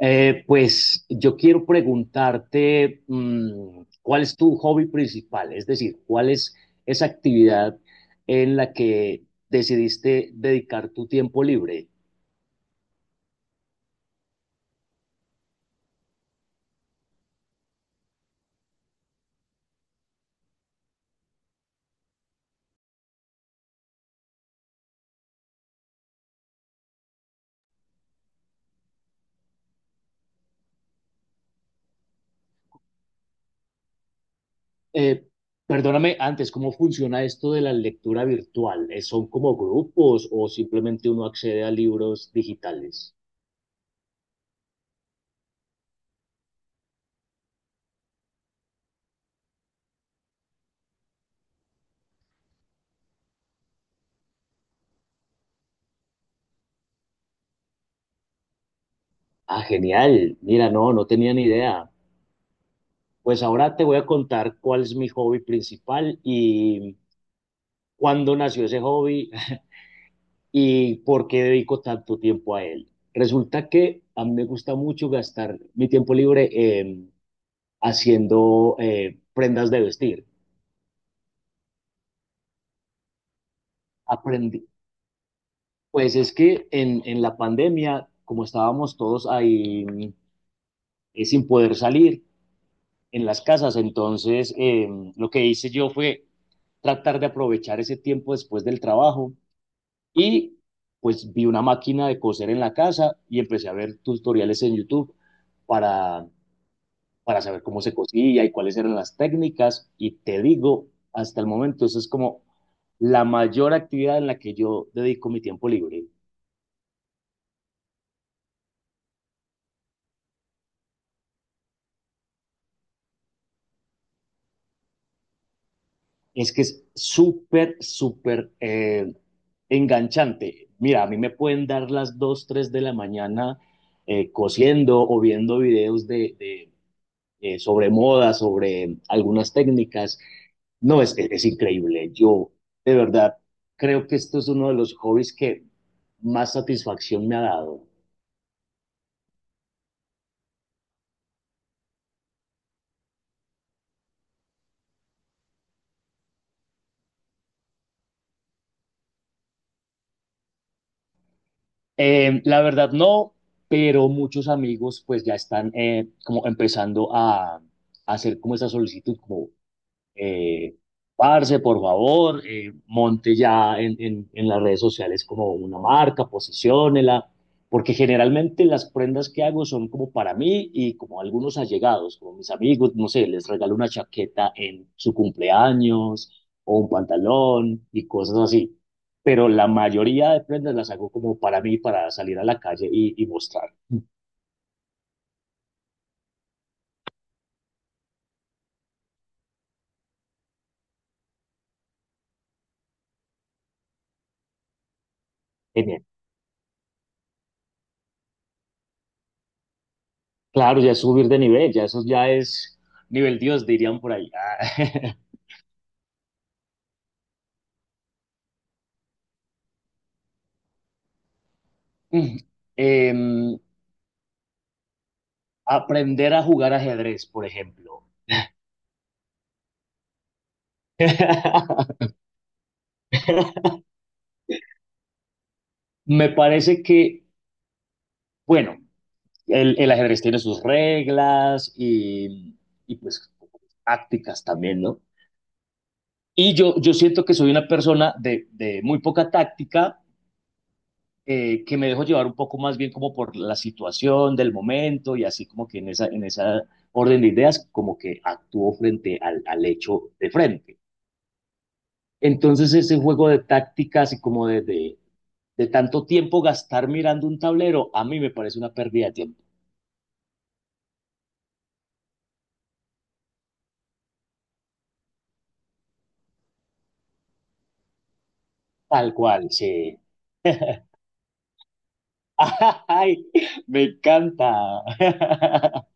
Pues yo quiero preguntarte cuál es tu hobby principal, es decir, cuál es esa actividad en la que decidiste dedicar tu tiempo libre. Eh, Perdóname antes, ¿cómo funciona esto de la lectura virtual? ¿Son como grupos o simplemente uno accede a libros digitales? Ah, genial. Mira, no, no tenía ni idea. Pues ahora te voy a contar cuál es mi hobby principal y cuándo nació ese hobby y por qué dedico tanto tiempo a él. Resulta que a mí me gusta mucho gastar mi tiempo libre haciendo prendas de vestir. Aprendí. Pues es que en la pandemia, como estábamos todos ahí sin poder salir en las casas, entonces lo que hice yo fue tratar de aprovechar ese tiempo después del trabajo y pues vi una máquina de coser en la casa y empecé a ver tutoriales en YouTube para para saber cómo se cosía y cuáles eran las técnicas. Y te digo, hasta el momento, eso es como la mayor actividad en la que yo dedico mi tiempo libre. Es que es súper, súper enganchante. Mira, a mí me pueden dar las 2 3 de la mañana cosiendo o viendo videos de sobre moda, sobre algunas técnicas. No, es increíble. Yo, de verdad, creo que esto es uno de los hobbies que más satisfacción me ha dado. La verdad no, pero muchos amigos pues ya están como empezando a hacer como esa solicitud, como Eh, parce, por favor, monte ya en las redes sociales como una marca, posiciónela, porque generalmente las prendas que hago son como para mí y como algunos allegados, como mis amigos, no sé, les regalo una chaqueta en su cumpleaños o un pantalón y cosas así. Pero la mayoría de prendas las hago como para mí, para salir a la calle y mostrar. Genial. Claro, ya es subir de nivel, ya eso ya es nivel Dios, dirían por ahí. Mm, em, aprender a jugar ajedrez, por ejemplo. Me parece que, bueno, el ajedrez tiene sus reglas y, pues tácticas también, ¿no? Y yo siento que soy una persona de muy poca táctica, que me dejo llevar un poco más bien como por la situación del momento y así como que en esa orden de ideas, como que actúo frente al, al hecho de frente. Entonces ese juego de tácticas y como de tanto tiempo gastar mirando un tablero, a mí me parece una pérdida de tiempo. Tal cual, sí. Ay, me encanta.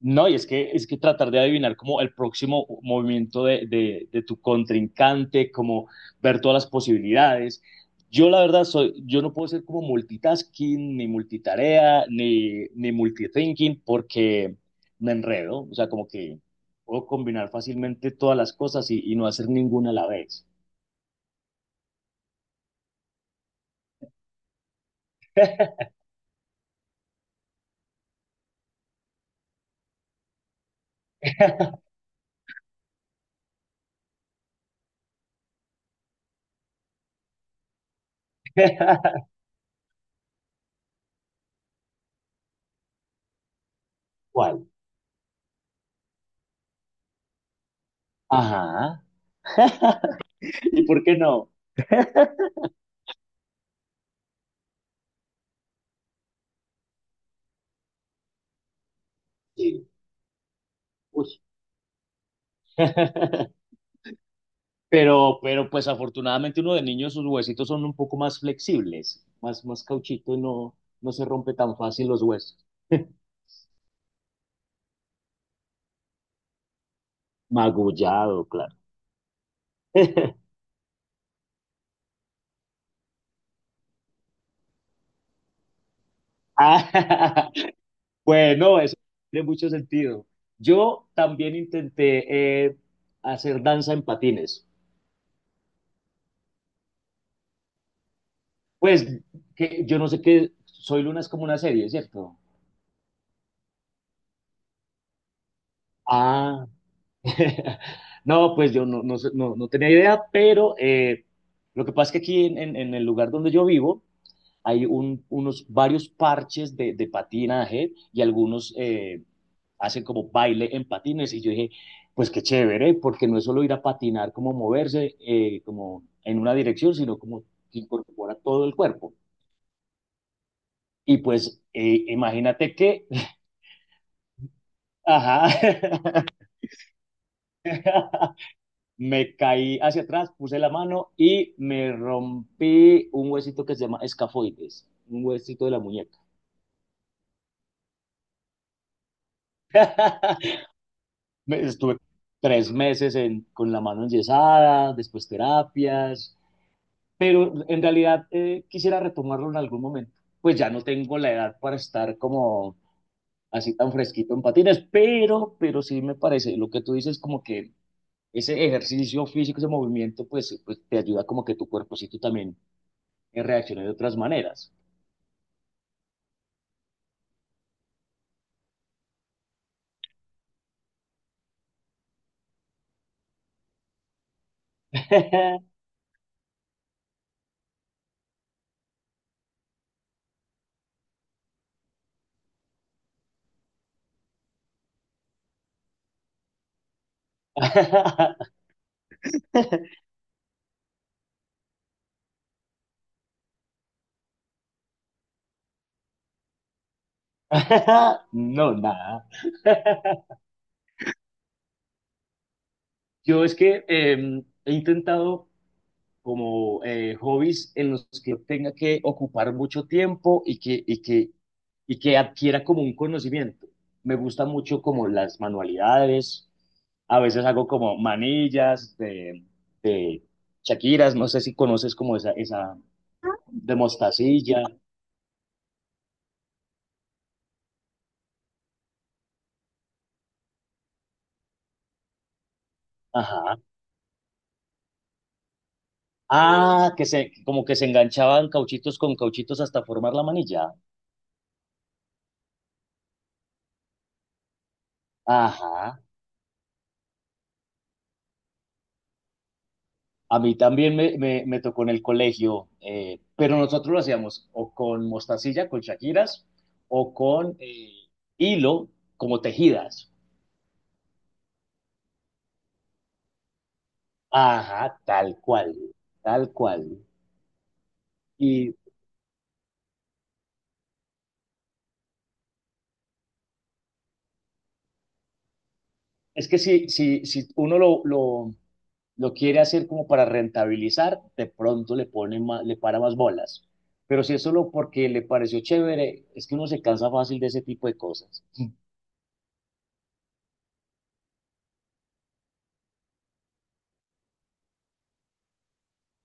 No, y es que tratar de adivinar como el próximo movimiento de tu contrincante, como ver todas las posibilidades. Yo la verdad soy, yo no puedo ser como multitasking, ni multitarea, ni, ni multithinking, porque me enredo. O sea, como que puedo combinar fácilmente todas las cosas y no hacer ninguna a la vez. ¿Cuál? Ajá. ¿Y por qué no? Sí. Uy. Pero pues afortunadamente uno de niño sus huesitos son un poco más flexibles, más, más cauchito y no, no se rompe tan fácil los huesos. Magullado, claro. Ah, bueno, eso tiene mucho sentido. Yo también intenté hacer danza en patines. Pues que yo no sé qué, Soy Luna es como una serie, ¿cierto? Ah, no, pues yo no tenía idea, pero lo que pasa es que aquí en el lugar donde yo vivo, hay unos varios parches de patinaje y algunos hacen como baile en patines. Y yo dije, pues qué chévere, porque no es solo ir a patinar, como moverse como en una dirección, sino como que incorpora todo el cuerpo. Y pues imagínate que, ajá, me caí hacia atrás, puse la mano y me rompí un huesito que se llama escafoides, un huesito de la muñeca. Estuve tres meses con la mano enyesada, después terapias, pero en realidad quisiera retomarlo en algún momento. Pues ya no tengo la edad para estar como así tan fresquito en patines, pero sí me parece, lo que tú dices como que ese ejercicio físico, ese movimiento, pues, pues te ayuda como que tu cuerpocito también reaccione de otras maneras. No, nada. Yo es que he intentado como hobbies en los que tenga que ocupar mucho tiempo y que adquiera como un conocimiento. Me gusta mucho como las manualidades, a veces hago como manillas de Shakiras, no sé si conoces como esa de mostacilla, ajá. Ah, que se, como que se enganchaban cauchitos con cauchitos hasta formar la manilla. Ajá. A mí también me tocó en el colegio, pero nosotros lo hacíamos o con mostacilla, con shakiras, o con hilo, como tejidas. Ajá, tal cual, tal cual. Y es que si uno lo quiere hacer como para rentabilizar, de pronto le pone le para más bolas. Pero si es solo porque le pareció chévere, es que uno se cansa fácil de ese tipo de cosas.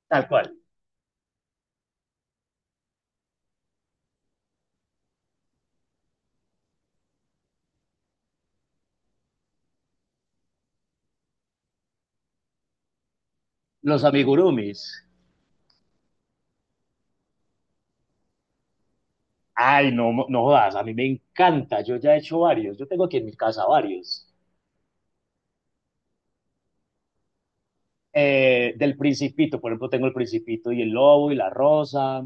Tal cual. Los amigurumis. Ay, no, no jodas, a mí me encanta, yo ya he hecho varios, yo tengo aquí en mi casa varios. Del Principito, por ejemplo, tengo el Principito y el Lobo y la Rosa,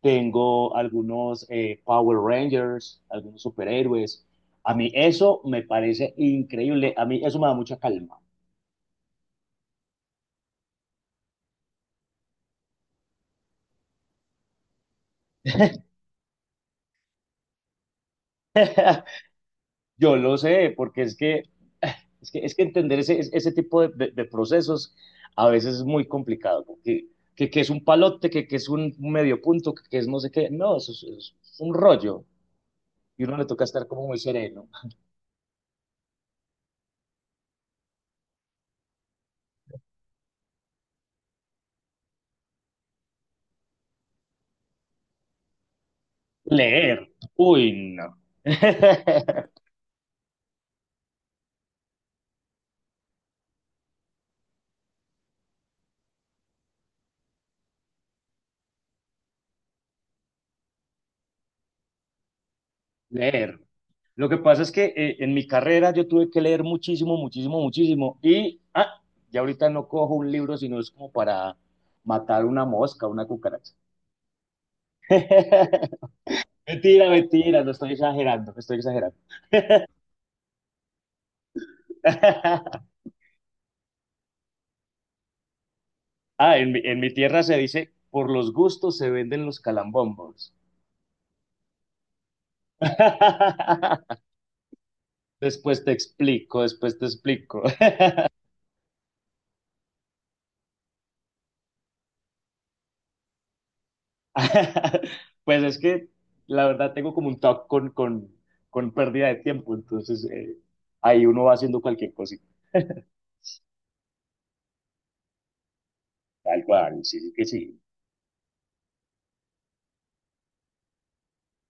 tengo algunos Power Rangers, algunos superhéroes. A mí eso me parece increíble, a mí eso me da mucha calma. Yo lo sé, porque es que, es que entender ese tipo de procesos a veces es muy complicado, porque que es un palote, que es un medio punto, que es no sé qué, no, eso es un rollo, y uno le toca estar como muy sereno. Leer, uy, no. Leer. Lo que pasa es que en mi carrera yo tuve que leer muchísimo, muchísimo, muchísimo, y ya ahorita no cojo un libro, sino es como para matar una mosca, una cucaracha. Mentira, mentira, no estoy exagerando, no estoy exagerando. Ah, en mi tierra se dice, por los gustos se venden los calambombos. Después te explico, después te explico. Pues es que la verdad tengo como un talk con pérdida de tiempo, entonces ahí uno va haciendo cualquier cosita. Tal cual, sí, que sí.